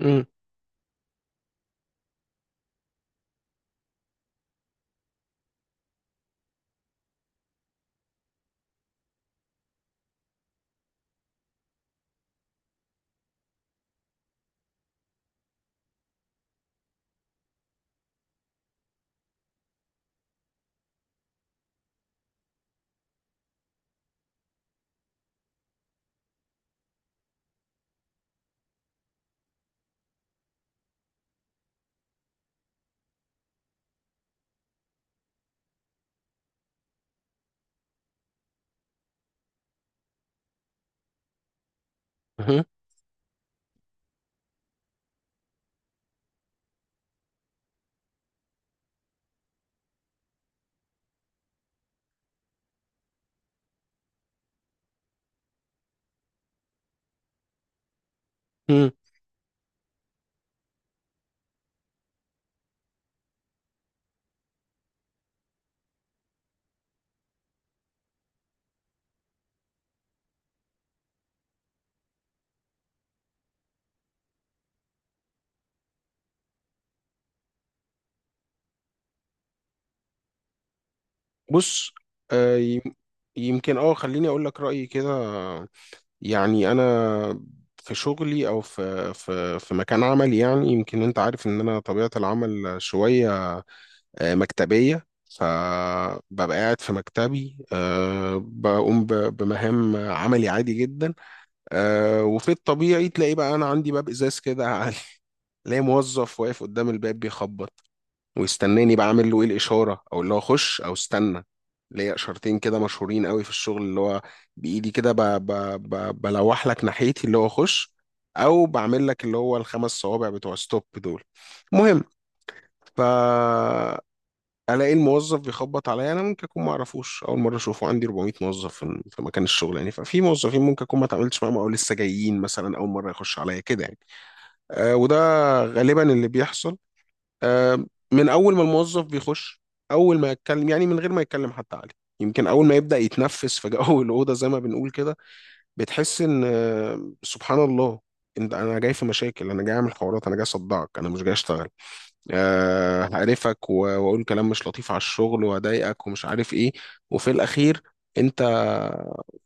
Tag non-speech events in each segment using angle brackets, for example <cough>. امم اها، امم بص. آه، يم- يمكن خليني اقول لك رايي كده. يعني انا في شغلي او في مكان عملي، يعني يمكن انت عارف ان انا طبيعه العمل شويه مكتبيه. فببقى قاعد في مكتبي، بقوم بمهام عملي عادي جدا. وفي الطبيعي تلاقي بقى انا عندي باب ازاز كده <laughs> تلاقي موظف واقف قدام الباب بيخبط ويستناني بقى اعمل له ايه الاشاره، او اللي هو خش او استنى. ليا اشارتين كده مشهورين قوي في الشغل، اللي هو بايدي كده بلوح لك ناحيتي اللي هو خش، او بعمل لك اللي هو الخمس صوابع بتوع ستوب دول. المهم، ف الاقي الموظف بيخبط عليا، انا ممكن اكون ما اعرفوش، اول مره اشوفه، عندي 400 موظف في مكان الشغل يعني. ففي موظفين ممكن اكون ما اتعاملتش معاهم او لسه جايين مثلا اول مره يخش عليا كده يعني. وده غالبا اللي بيحصل. آه، من اول ما الموظف بيخش، اول ما يتكلم، يعني من غير ما يتكلم حتى، عليه يمكن اول ما يبدا يتنفس في جو <laughs> الاوضه زي ما بنقول كده، بتحس ان سبحان الله، انت انا جاي في مشاكل، انا جاي اعمل حوارات، انا جاي اصدعك، انا مش جاي اشتغل، هقرفك واقول كلام مش لطيف على الشغل واضايقك ومش عارف ايه. وفي الاخير انت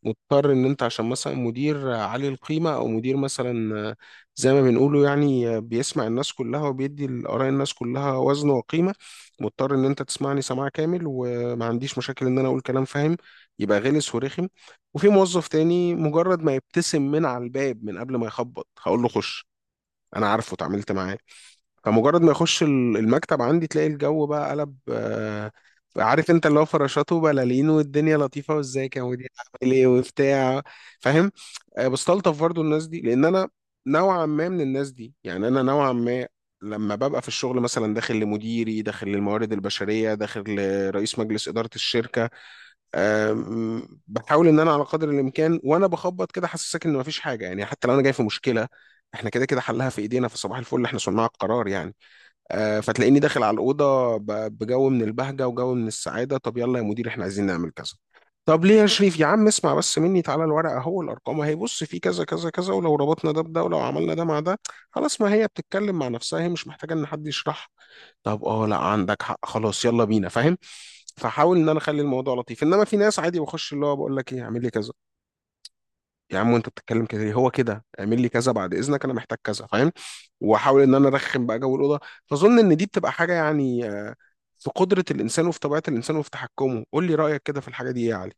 مضطر، ان انت عشان مثلا مدير عالي القيمة، او مدير مثلا زي ما بنقوله يعني، بيسمع الناس كلها وبيدي لآراء الناس كلها وزن وقيمة، مضطر ان انت تسمعني سماع كامل وما عنديش مشاكل ان انا اقول كلام، فاهم؟ يبقى غلس ورخم. وفي موظف تاني مجرد ما يبتسم من على الباب من قبل ما يخبط هقول له خش، انا عارفه، اتعاملت معاه. فمجرد ما يخش المكتب عندي تلاقي الجو بقى قلب، عارف انت، اللي هو فراشات وبلالين والدنيا لطيفه، وازيك يا مدير، عامل ايه وبتاع. فاهم؟ بستلطف برضو الناس دي، لان انا نوعا ما من الناس دي. يعني انا نوعا ما، لما ببقى في الشغل مثلا داخل لمديري، داخل للموارد البشريه، داخل لرئيس مجلس اداره الشركه، بحاول ان انا على قدر الامكان وانا بخبط كده حاسسك ان مفيش حاجه، يعني حتى لو انا جاي في مشكله، احنا كده كده حلها في ايدينا، في صباح الفل، احنا صناع القرار يعني. فتلاقيني داخل على الأوضة بجو من البهجة وجو من السعادة. طب يلا يا مدير احنا عايزين نعمل كذا، طب ليه يا شريف يا عم؟ اسمع بس مني، تعالى الورقة اهو، الأرقام اهي، بص في كذا كذا كذا، ولو ربطنا ده بده ولو عملنا ده مع ده، خلاص ما هي بتتكلم مع نفسها، هي مش محتاجة إن حد يشرح. طب اه، لا عندك حق، خلاص يلا بينا، فاهم؟ فحاول إن أنا أخلي الموضوع لطيف. إنما في ناس عادي بخش، اللي هو بقول لك إيه، اعمل لي كذا، يا عم وانت بتتكلم كده ليه؟ هو كده اعمل لي كذا بعد اذنك انا محتاج كذا، فاهم؟ واحاول ان انا ارخم بقى جو الاوضه. فاظن ان دي بتبقى حاجه يعني في قدره الانسان وفي طبيعه الانسان وفي تحكمه. قول لي رايك كده في الحاجه دي ايه يا علي.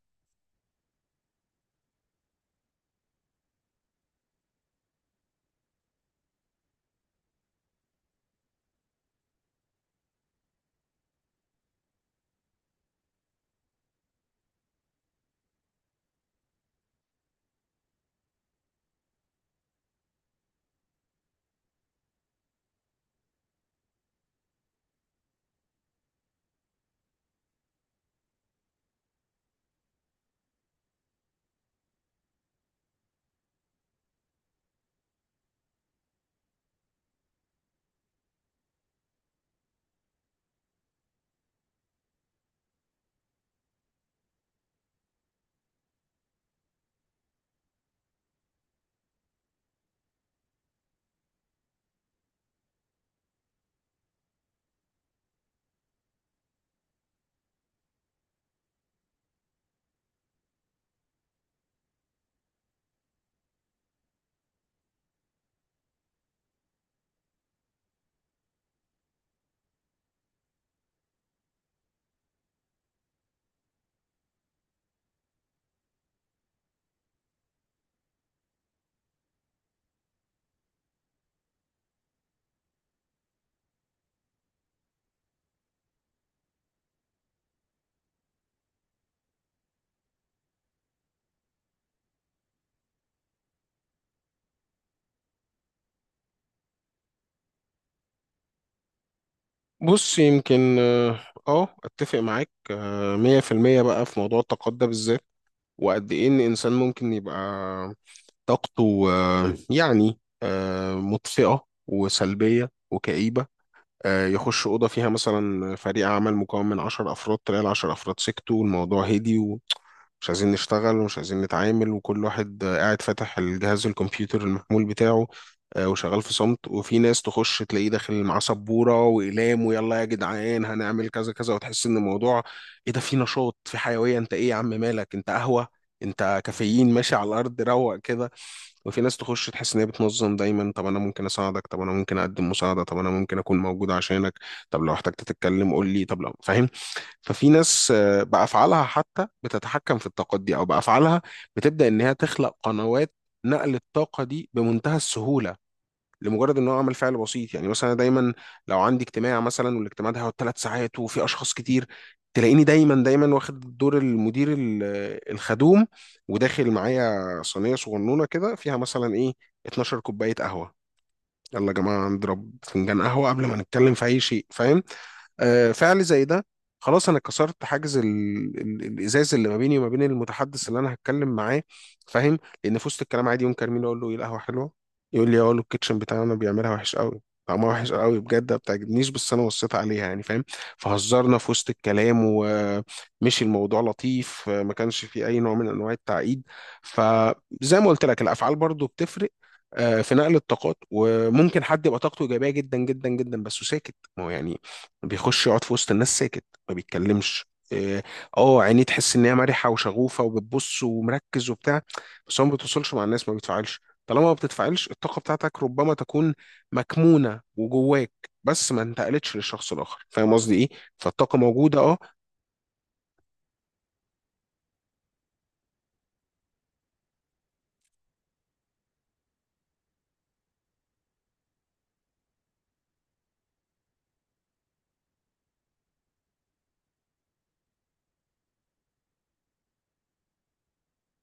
بص، يمكن اتفق معاك 100%، بقى في موضوع الطاقات ده بالذات. وقد ايه ان انسان ممكن يبقى طاقته مطفئه وسلبيه وكئيبه، يخش أوضة فيها مثلا فريق عمل مكون من 10 أفراد، تلاقي العشر أفراد سكتوا، والموضوع هدي، ومش عايزين نشتغل ومش عايزين نتعامل، وكل واحد قاعد فاتح الجهاز الكمبيوتر المحمول بتاعه، وشغال في صمت. وفي ناس تخش تلاقيه داخل معاه سبوره واقلام، ويلا يا جدعان هنعمل كذا كذا، وتحس ان الموضوع ايه ده، في نشاط، في حيويه، انت ايه يا عم مالك، انت قهوه؟ انت كافيين ماشي على الارض، روق كده. وفي ناس تخش تحس ان هي بتنظم دايما، طب انا ممكن اساعدك، طب انا ممكن اقدم مساعده، طب انا ممكن اكون موجود عشانك، طب لو احتجت تتكلم قول لي، طب لو، فاهم؟ ففي ناس بافعالها حتى بتتحكم في الطاقات دي، او بافعالها بتبدا ان هي تخلق قنوات نقل الطاقه دي بمنتهى السهوله، لمجرد ان هو عمل فعل بسيط. يعني مثلا، دايما لو عندي اجتماع مثلا والاجتماع ده هيقعد 3 ساعات وفي اشخاص كتير، تلاقيني دايما دايما واخد دور المدير الخدوم، وداخل معايا صينيه صغنونه كده فيها مثلا ايه، 12 كوبايه قهوه. يلا يا جماعه نضرب فنجان قهوه قبل ما نتكلم في اي شيء، فاهم؟ فعل زي ده، خلاص انا كسرت حاجز الازاز اللي ما بيني وما بين المتحدث اللي انا هتكلم معاه. فاهم؟ لان في وسط الكلام عادي ينكر مين اقول له ايه القهوه حلوه، يقول لي اقول له الكيتشن بتاعنا بيعملها وحش قوي، طعمها وحش قوي بجد ما بتعجبنيش، بس انا وصيت عليها يعني، فاهم؟ فهزرنا في وسط الكلام ومشي الموضوع لطيف، ما كانش فيه اي نوع من انواع التعقيد. فزي ما قلت لك الافعال برضو بتفرق في نقل الطاقات. وممكن حد يبقى طاقته ايجابيه جدا جدا جدا، بس ساكت. ما هو يعني بيخش يقعد في وسط الناس ساكت، ما بيتكلمش، إيه، اه عينيه تحس ان هي مرحه وشغوفه وبتبص ومركز وبتاع، بس هو ما بتوصلش مع الناس، ما بيتفاعلش. طالما ما بتتفاعلش الطاقه بتاعتك ربما تكون مكمونه وجواك، بس ما انتقلتش للشخص الاخر، فاهم قصدي ايه؟ فالطاقه موجوده، اه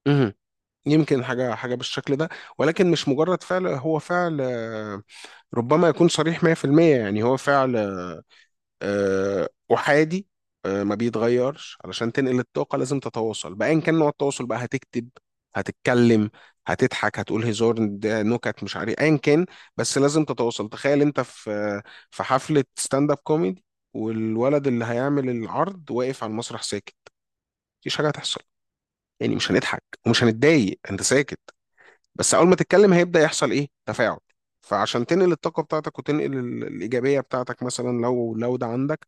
مهم. يمكن حاجه حاجه بالشكل ده، ولكن مش مجرد فعل. هو فعل ربما يكون صريح 100%. يعني هو فعل احادي ما بيتغيرش. علشان تنقل الطاقه لازم تتواصل، بايا كان نوع التواصل بقى، هتكتب، هتتكلم، هتضحك، هتقول هزار، ده نكت، مش عارف ايا كان، بس لازم تتواصل. تخيل انت في حفله ستاند اب كوميدي، والولد اللي هيعمل العرض واقف على المسرح ساكت، مفيش حاجه هتحصل، يعني مش هنضحك ومش هنتضايق، انت ساكت. بس اول ما تتكلم هيبدا يحصل ايه، تفاعل. فعشان تنقل الطاقه بتاعتك وتنقل الايجابيه بتاعتك، مثلا لو ده عندك،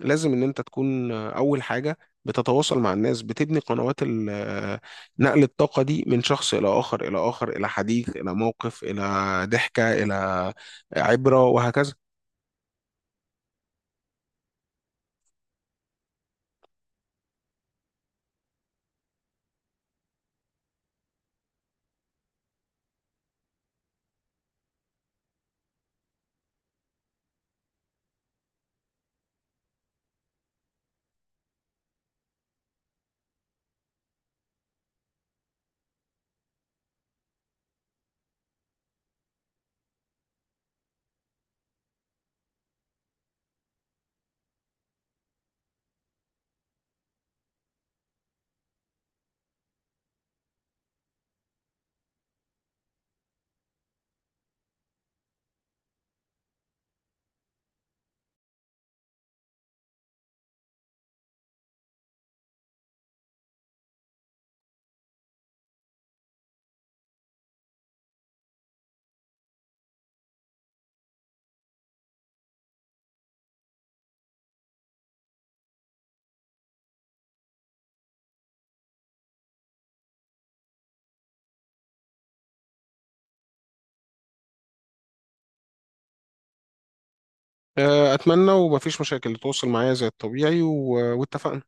لازم ان انت تكون اول حاجه بتتواصل مع الناس، بتبني قنوات نقل الطاقه دي من شخص الى اخر الى اخر، الى حديث الى موقف الى ضحكه الى عبره، وهكذا. اتمنى، ومفيش مشاكل، تواصل معايا زي الطبيعي واتفقنا.